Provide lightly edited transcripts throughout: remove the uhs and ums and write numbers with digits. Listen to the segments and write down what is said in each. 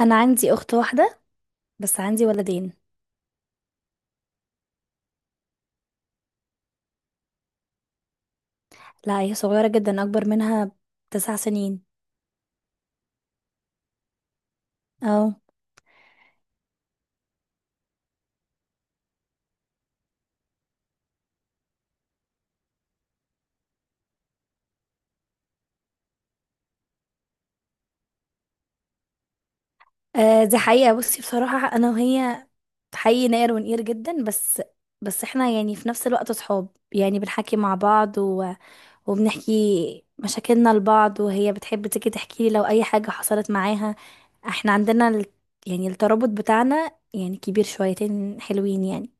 انا عندي اخت واحده، بس عندي ولدين. لا، هي صغيره جدا، اكبر منها 9 سنين. اه. دي حقيقه. بصي، بصراحه انا وهي حقيقي نقر ونقير جدا، بس احنا يعني في نفس الوقت صحاب، يعني بنحكي مع بعض و... وبنحكي مشاكلنا لبعض، وهي بتحب تيجي تحكي لي لو اي حاجه حصلت معاها. احنا عندنا يعني الترابط بتاعنا يعني كبير شويتين حلوين يعني.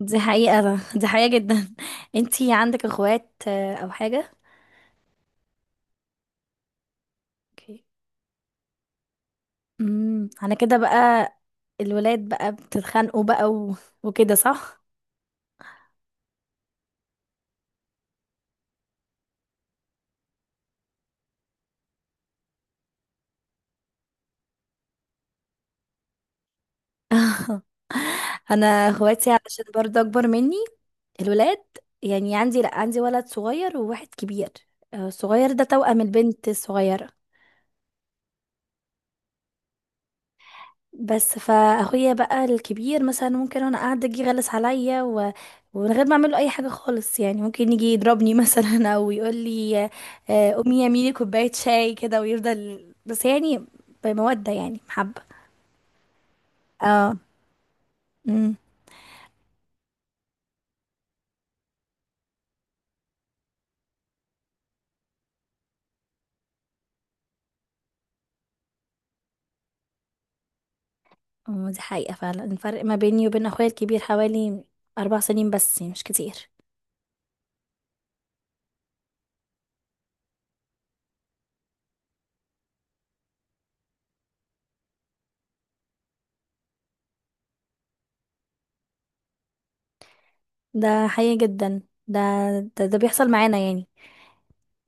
دي حقيقه، دي حقيقه جدا. انتي عندك اخوات او حاجه؟ اوكي. على كده بقى، الولاد بقى بتتخانقوا بقى و... وكده، صح؟ انا اخواتي علشان برضه اكبر مني، الولاد. يعني عندي، لا، عندي ولد صغير وواحد كبير. الصغير ده توأم البنت الصغيرة. بس فاخويا بقى الكبير مثلا ممكن وانا قاعده يجي يغلس عليا و... ومن غير ما اعمل له اي حاجه خالص، يعني ممكن يجي يضربني مثلا، او يقول لي آه، امي يا ميمي كوبايه شاي كده، ويفضل بس يعني بمودة يعني محبة. اه. امم أمم، دي حقيقة فعلا. الفرق ما بيني وبين اخويا الكبير حوالي 4 سنين، بس يعني مش كتير. ده حقيقي جدا. ده ده بيحصل معانا يعني.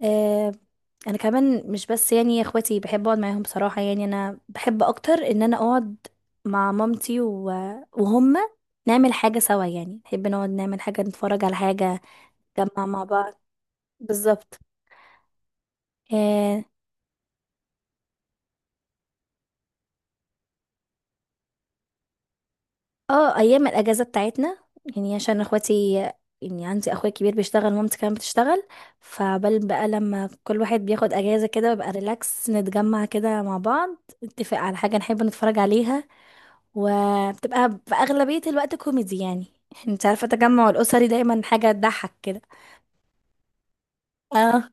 آه انا كمان مش بس يعني اخواتي، بحب اقعد معاهم بصراحة. يعني انا بحب اكتر ان انا اقعد مع مامتي و... وهم، نعمل حاجة سوا، يعني نحب نقعد نعمل حاجة، نتفرج على حاجة، نجمع مع بعض. بالظبط. آه، اه ايام الاجازه بتاعتنا، يعني عشان اخواتي يعني عندي اخويا كبير بيشتغل، ومامتي كمان بتشتغل، فبل بقى لما كل واحد بياخد اجازه كده ببقى ريلاكس، نتجمع كده مع بعض، نتفق على حاجه نحب نتفرج عليها. وبتبقى في اغلبيه الوقت كوميدي يعني انت عارفه التجمع الاسري دايما حاجه تضحك كده. اه،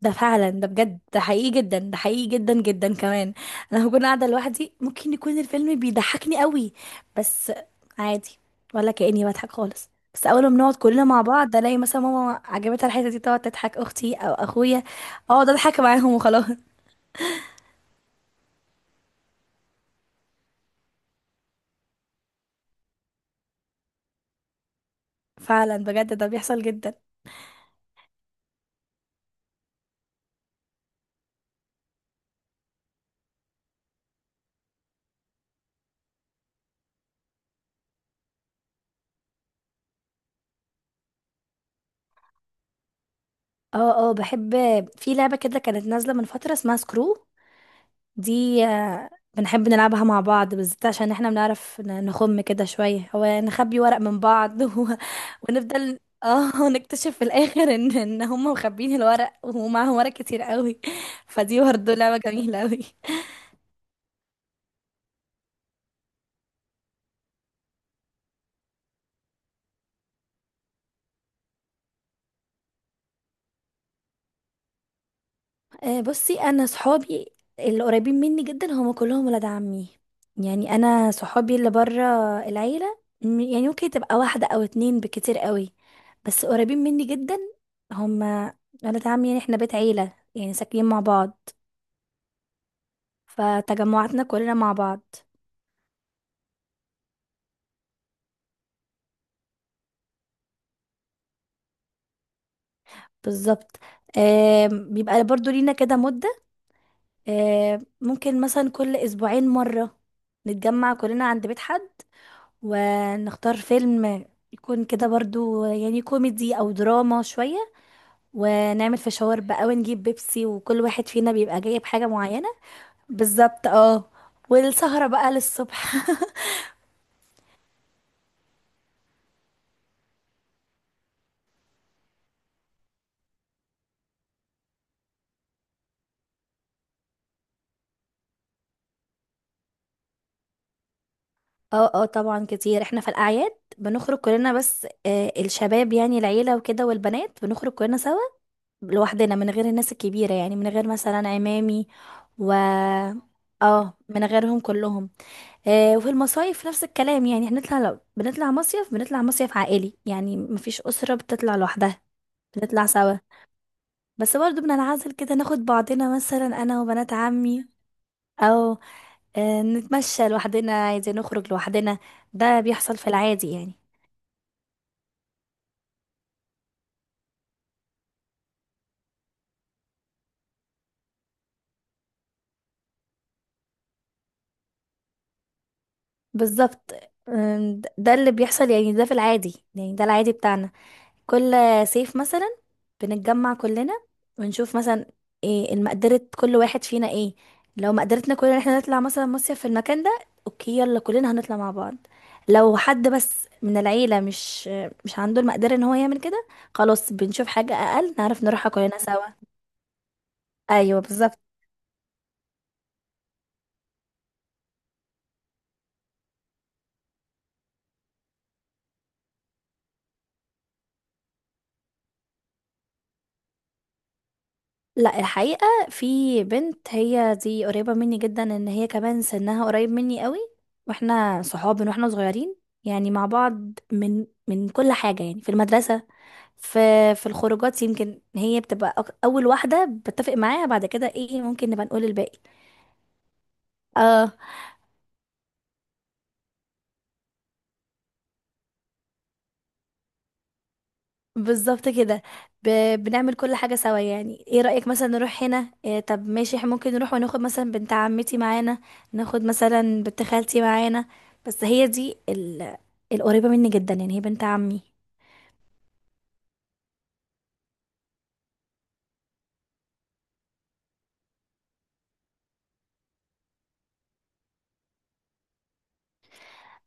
ده فعلا، ده بجد، ده حقيقي جدا، ده حقيقي جدا جدا كمان. انا لو كنت قاعده لوحدي ممكن يكون الفيلم بيضحكني قوي، بس عادي، ولا كاني بضحك خالص. بس اول ما بنقعد كلنا مع بعض الاقي مثلا ماما عجبتها الحته دي، تقعد تضحك اختي او اخويا، اقعد اضحك معاهم وخلاص. فعلا بجد، ده بيحصل جدا. اه، اه، بحب. في لعبه كده كانت نازله من فتره اسمها سكرو، دي بنحب نلعبها مع بعض بالذات، عشان احنا بنعرف نخم كده شوية، هو نخبي ورق من بعض و... ونفضل، اه، نكتشف في الاخر ان هم مخبين الورق ومعاهم ورق كتير قوي. فدي برضه لعبة جميلة قوي. بصي، انا صحابي اللي قريبين مني جدا هم كلهم ولاد عمي. يعني انا صحابي اللي بره العيله يعني ممكن تبقى واحده او اتنين بكتير قوي، بس قريبين مني جدا، هم ولاد عمي. يعني احنا بيت عيله، يعني ساكنين مع بعض، فتجمعاتنا كلنا مع بعض. بالظبط. بيبقى برضو لينا كده مده، ممكن مثلا كل اسبوعين مره نتجمع كلنا عند بيت حد، ونختار فيلم يكون كده برضو يعني كوميدي او دراما شوية، ونعمل فشاور بقى، ونجيب بيبسي، وكل واحد فينا بيبقى جايب حاجة معينة. بالظبط اه. والسهرة بقى للصبح. اه، اه، طبعا كتير، احنا في الاعياد بنخرج كلنا، بس الشباب يعني العيلة وكده، والبنات بنخرج كلنا سوا لوحدنا، من غير الناس الكبيرة، يعني من غير مثلا عمامي و اه من غيرهم كلهم. وفي المصايف نفس الكلام، يعني هنطلع، لو بنطلع مصيف بنطلع مصيف عائلي، يعني مفيش أسرة بتطلع لوحدها، بنطلع سوا. بس برضه بننعزل كده ناخد بعضنا، مثلا أنا وبنات عمي، أو نتمشى لوحدنا عايزين نخرج لوحدنا. ده بيحصل في العادي يعني. بالظبط. ده اللي بيحصل يعني، ده في العادي يعني، ده العادي بتاعنا. كل صيف مثلا بنتجمع كلنا، ونشوف مثلا ايه المقدرة كل واحد فينا، ايه لو مقدرتنا كلنا ان احنا نطلع مثلا مصيف في المكان ده، اوكي يلا كلنا هنطلع مع بعض. لو حد بس من العيلة مش عنده المقدرة ان هو يعمل كده، خلاص بنشوف حاجة اقل نعرف نروحها كلنا سوا. ايوه بالظبط. لا، الحقيقة في بنت هي دي قريبة مني جدا، ان هي كمان سنها قريب مني قوي، واحنا صحاب من واحنا صغيرين، يعني مع بعض من كل حاجة، يعني في المدرسة، في في الخروجات. يمكن هي بتبقى اول واحده بتفق معاها، بعد كده ايه ممكن نبقى نقول الباقي. اه بالظبط كده. ب... بنعمل كل حاجه سوا، يعني ايه رايك مثلا نروح هنا، إيه طب ماشي، احنا ممكن نروح وناخد مثلا بنت عمتي معانا، ناخد مثلا بنت خالتي معانا. بس هي دي القريبه مني جدا، يعني هي بنت عمي.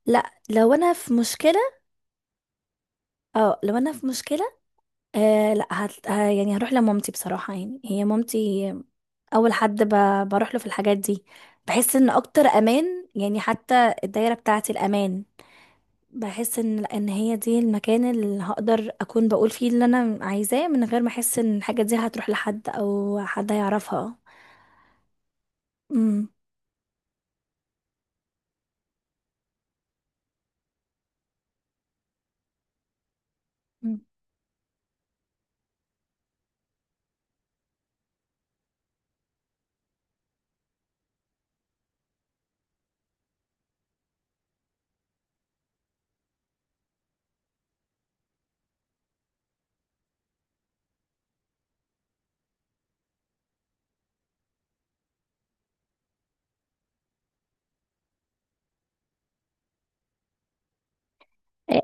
لا، لو انا في مشكله، لا، يعني هروح لمامتي بصراحه، يعني هي مامتي اول حد بروح له في الحاجات دي. بحس ان اكتر امان يعني، حتى الدايره بتاعتي الامان، بحس ان هي دي المكان اللي هقدر اكون بقول فيه اللي انا عايزاه، من غير ما احس ان الحاجه دي هتروح لحد او حد هيعرفها. امم مم.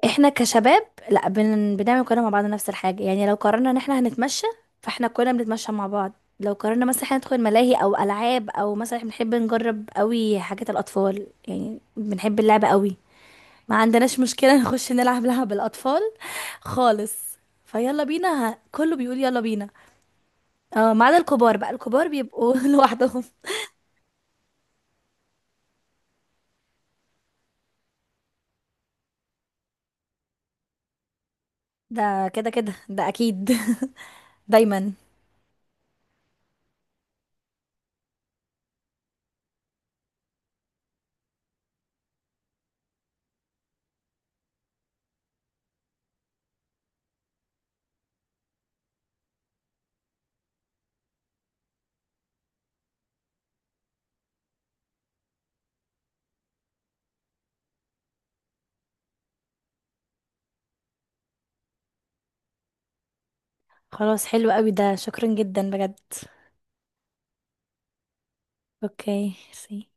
احنا كشباب، لا، بنعمل كلنا مع بعض نفس الحاجه، يعني لو قررنا ان احنا هنتمشى فاحنا كلنا بنتمشى مع بعض، لو قررنا مثلا احنا ندخل ملاهي او العاب، او مثلا احنا بنحب نجرب قوي حاجات الاطفال، يعني بنحب اللعبه قوي، ما عندناش مشكلة نخش نلعب لعب الأطفال خالص، فيلا بينا، كله بيقول يلا بينا. اه، ما عدا الكبار بقى، الكبار بيبقوا لوحدهم. ده كده كده ده أكيد. دايما. خلاص، حلو قوي ده، شكرا جدا بجد. اوكي سي.